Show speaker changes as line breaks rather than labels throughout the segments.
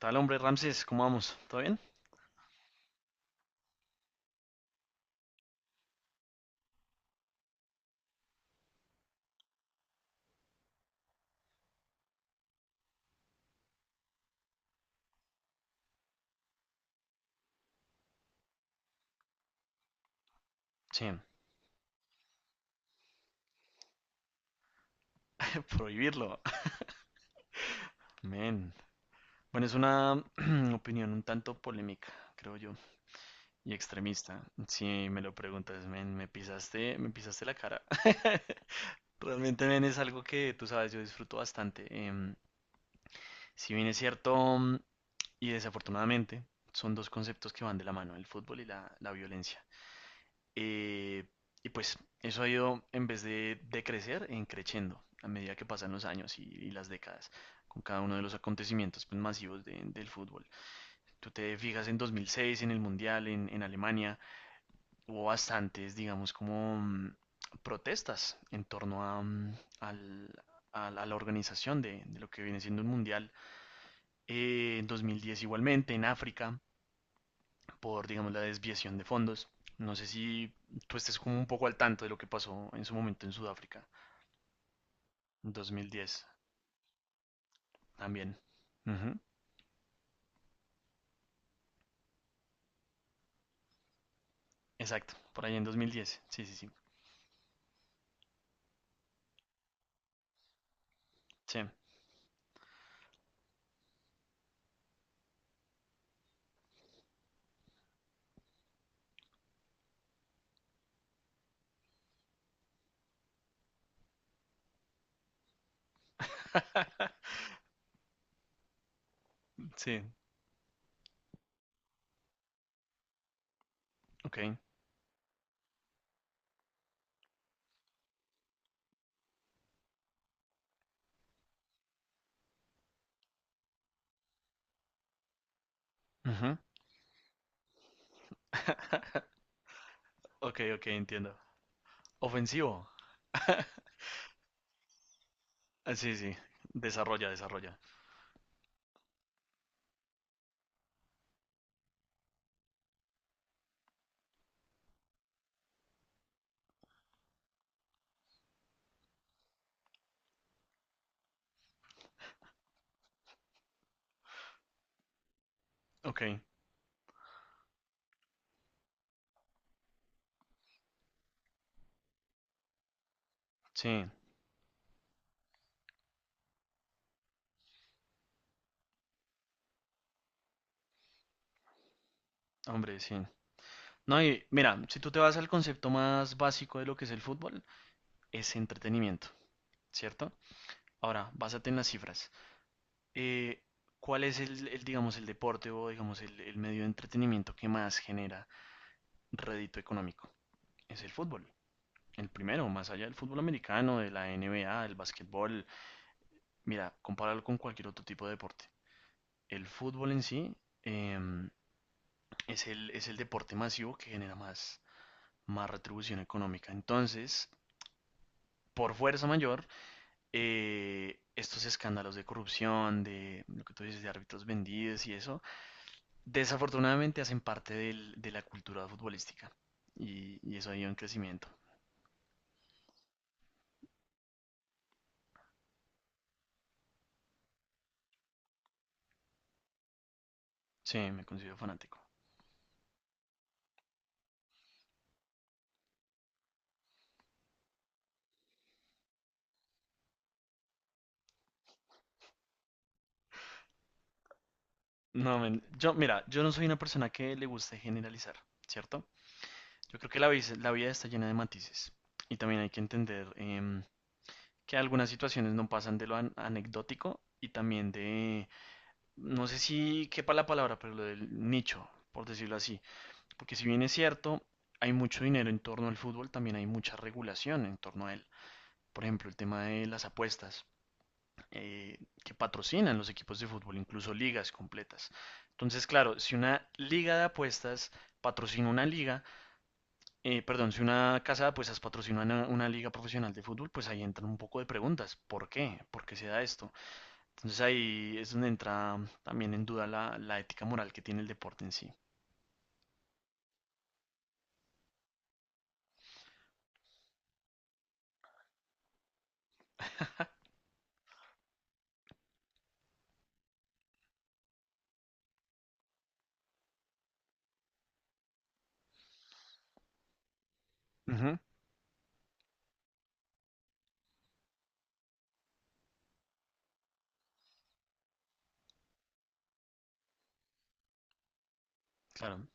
Tal hombre, Ramses, ¿cómo vamos? ¿Todo bien? Sí, prohibirlo. Men. Bueno, es una opinión un tanto polémica, creo yo, y extremista. Si me lo preguntas, men, me pisaste la cara. Realmente, men, es algo que tú sabes, yo disfruto bastante. Si bien es cierto, y desafortunadamente, son dos conceptos que van de la mano, el fútbol y la violencia. Eh, y pues eso ha ido, en vez de crecer, en creciendo a medida que pasan los años y las décadas, con cada uno de los acontecimientos pues, masivos del fútbol. Tú te fijas en 2006, en el Mundial, en Alemania. Hubo bastantes, digamos, como protestas en torno a, mm, al- a la organización de lo que viene siendo un Mundial. En 2010 igualmente, en África por, digamos, la desviación de fondos. No sé si tú estés como un poco al tanto de lo que pasó en su momento en Sudáfrica, en 2010 también. Ujú. Exacto, por ahí en 2010. Sí, sí, sí. Sí. Sí, ok. Ujú. Ok, ok, entiendo. Ofensivo. Ah, sí, sí, desarrolla, desarrolla. Ok, sí, hombre, sí. No, y mira, si tú te vas al concepto más básico de lo que es el fútbol, es entretenimiento, ¿cierto? Ahora, básate en las cifras. Eh, ¿Cuál es el, digamos, el deporte o, digamos, el medio de entretenimiento que más genera rédito económico? Es el fútbol. El primero, más allá del fútbol americano, de la NBA, del básquetbol. Mira, compáralo con cualquier otro tipo de deporte. El fútbol en sí eh, es el deporte masivo que genera más retribución económica. Entonces, por fuerza mayor, estos escándalos de corrupción, de lo que tú dices, de árbitros vendidos y eso, desafortunadamente hacen parte de la cultura futbolística y eso ha ido en crecimiento. Sí, me considero fanático. No, men, yo, mira, yo no soy una persona que le guste generalizar, ¿cierto? Yo creo que la vida está llena de matices y también hay que entender que algunas situaciones no pasan de lo anecdótico y también de, no sé si quepa la palabra, pero lo del nicho, por decirlo así. Porque si bien es cierto, hay mucho dinero en torno al fútbol, también hay mucha regulación en torno a él. Por ejemplo, el tema de las apuestas, eh, que patrocinan los equipos de fútbol, incluso ligas completas. Entonces, claro, si una liga de apuestas patrocina una liga, perdón, si una casa de apuestas patrocina una liga profesional de fútbol, pues ahí entran un poco de preguntas. ¿Por qué? ¿Por qué se da esto? Entonces ahí es donde entra también en duda la ética moral que tiene el deporte en sí. Ujú. Claro,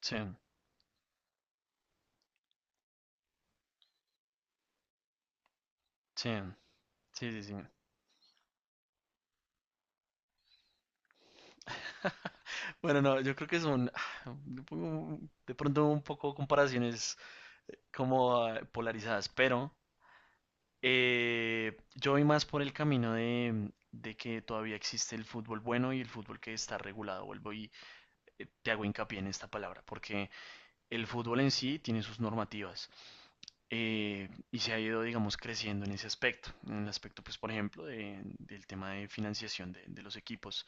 sí, sí. Sí, sí, sí. Bueno, no, yo creo que son, yo pongo de pronto un poco comparaciones como polarizadas, pero yo voy más por el camino de que todavía existe el fútbol bueno y el fútbol que está regulado. Vuelvo y te hago hincapié en esta palabra, porque el fútbol en sí tiene sus normativas, y se ha ido, digamos, creciendo en ese aspecto, en el aspecto, pues, por ejemplo, del tema de financiación de los equipos.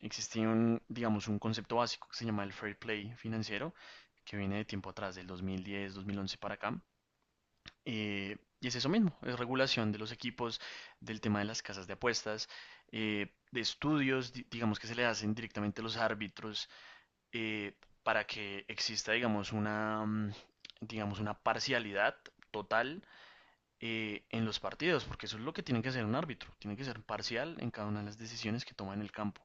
Existía un, digamos, un concepto básico que se llama el fair play financiero, que viene de tiempo atrás, del 2010, 2011 para acá, y es eso mismo, es regulación de los equipos, del tema de las casas de apuestas, de estudios, digamos que se le hacen directamente a los árbitros, eh, para que exista, digamos, digamos, una parcialidad total, en los partidos, porque eso es lo que tiene que hacer un árbitro, tiene que ser parcial en cada una de las decisiones que toma en el campo.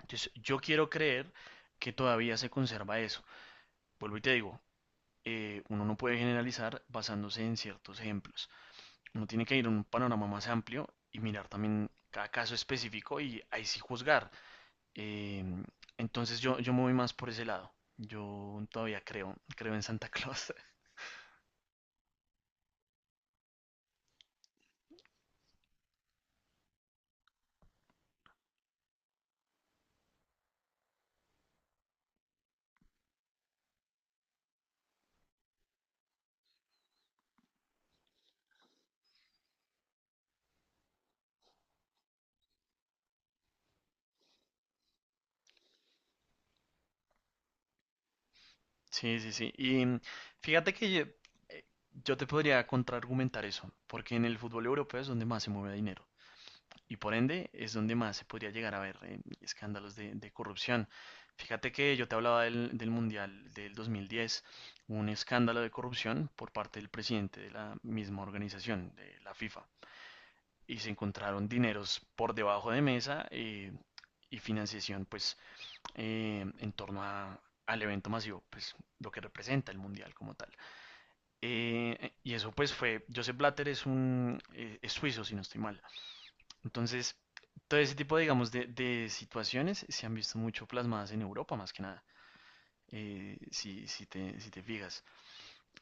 Entonces, yo quiero creer que todavía se conserva eso. Vuelvo y te digo, uno no puede generalizar basándose en ciertos ejemplos. Uno tiene que ir a un panorama más amplio y mirar también cada caso específico y ahí sí juzgar. Eh, entonces yo me voy más por ese lado. Yo todavía creo, creo en Santa Claus. Sí, sí, sí. Y fíjate que eh, yo te podría contraargumentar eso, porque en el fútbol europeo es donde más se mueve dinero. Y por ende es donde más se podría llegar a ver, escándalos de corrupción. Fíjate que yo te hablaba del Mundial del 2010, un escándalo de corrupción por parte del presidente de la misma organización, de la FIFA. Y se encontraron dineros por debajo de mesa, y financiación pues, en torno a, al evento masivo, pues lo que representa el Mundial como tal. Y eso pues fue, Joseph Blatter es un es suizo, si no estoy mal. Entonces, todo ese tipo, digamos, de situaciones se han visto mucho plasmadas en Europa, más que nada, si te fijas.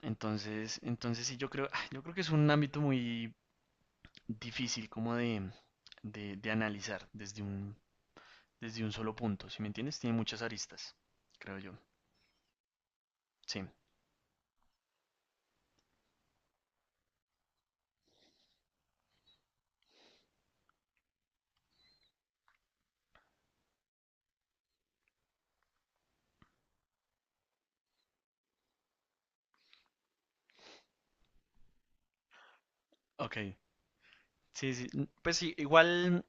Entonces sí, yo creo, yo creo que es un ámbito muy difícil como de analizar desde un solo punto, ¿si me entiendes? Tiene muchas aristas, creo yo. Sí, ok. Sí, sí. Pues sí, igual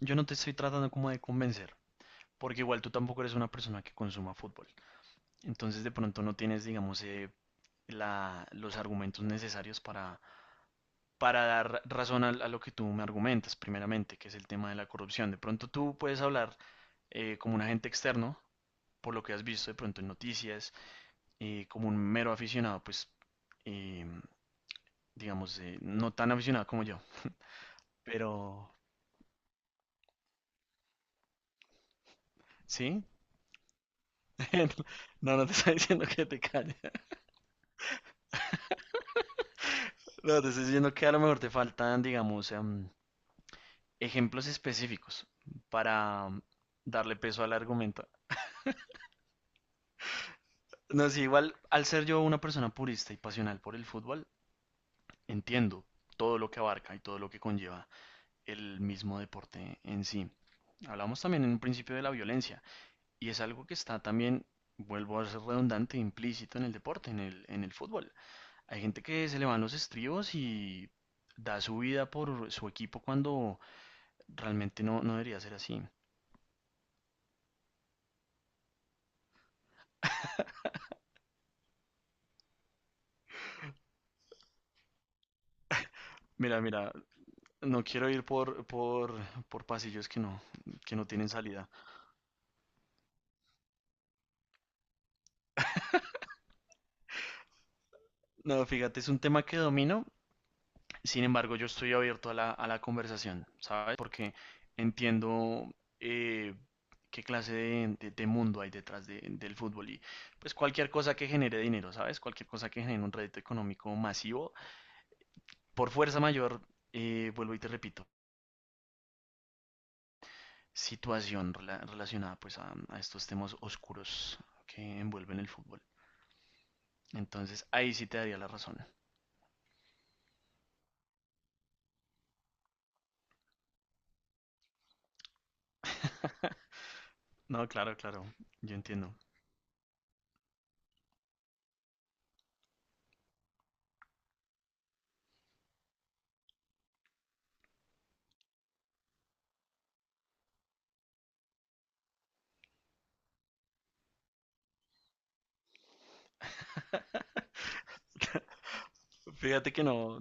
yo no te estoy tratando como de convencer, porque igual tú tampoco eres una persona que consuma fútbol. Entonces de pronto no tienes, digamos, los argumentos necesarios para dar razón a lo que tú me argumentas, primeramente, que es el tema de la corrupción. De pronto tú puedes hablar, como un agente externo, por lo que has visto de pronto en noticias, como un mero aficionado, pues, eh, digamos, no tan aficionado como yo, pero... ¿Sí? No, no te estoy diciendo que te calles. No, te estoy diciendo que a lo mejor te faltan, digamos, ejemplos específicos para darle peso al argumento. No, sí, igual al ser yo una persona purista y pasional por el fútbol, entiendo todo lo que abarca y todo lo que conlleva el mismo deporte en sí. Hablamos también en un principio de la violencia y es algo que está también, vuelvo a ser redundante, implícito en el deporte, en el fútbol. Hay gente que se le van los estribos y da su vida por su equipo cuando realmente no, no debería ser así. Mira, mira, no quiero ir por pasillos que no tienen salida. No, fíjate, es un tema que domino, sin embargo, yo estoy abierto a la conversación, ¿sabes? Porque entiendo, eh, qué clase de mundo hay detrás del fútbol y pues cualquier cosa que genere dinero, ¿sabes? Cualquier cosa que genere un rédito económico masivo, por fuerza mayor, vuelvo y te repito, situación relacionada pues a estos temas oscuros que envuelven el fútbol. Entonces, ahí sí te daría la razón. No, claro, claro, yo entiendo. Fíjate que no.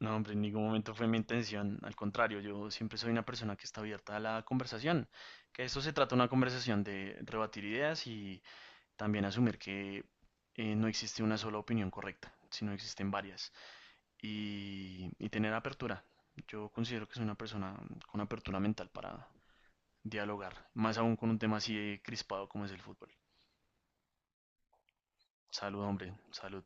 No, hombre, en ningún momento fue mi intención. Al contrario, yo siempre soy una persona que está abierta a la conversación. Que esto se trata de una conversación de rebatir ideas y también asumir que, no existe una sola opinión correcta, sino existen varias. Y tener apertura. Yo considero que soy una persona con apertura mental para dialogar, más aún con un tema así de crispado como es el fútbol. Salud, hombre, salud.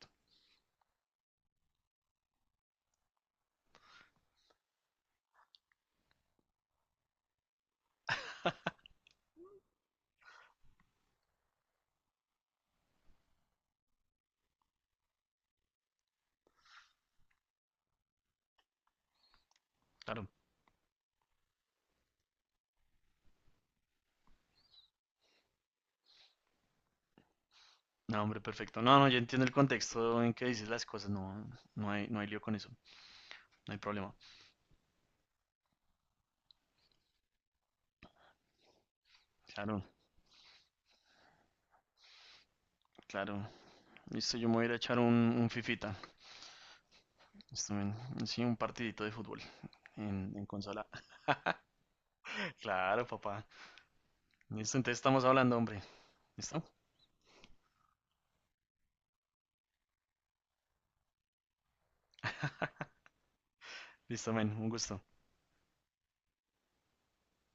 Claro. No, hombre, perfecto. No, no, yo entiendo el contexto en que dices las cosas. No, no hay lío con eso. No hay problema. Claro, claro. Listo, yo me voy a ir a echar un fifita. Listo, men. Sí, un partidito de fútbol en, consola. Claro, papá. Listo, entonces estamos hablando, hombre. ¿Listo? Listo, men. Un gusto.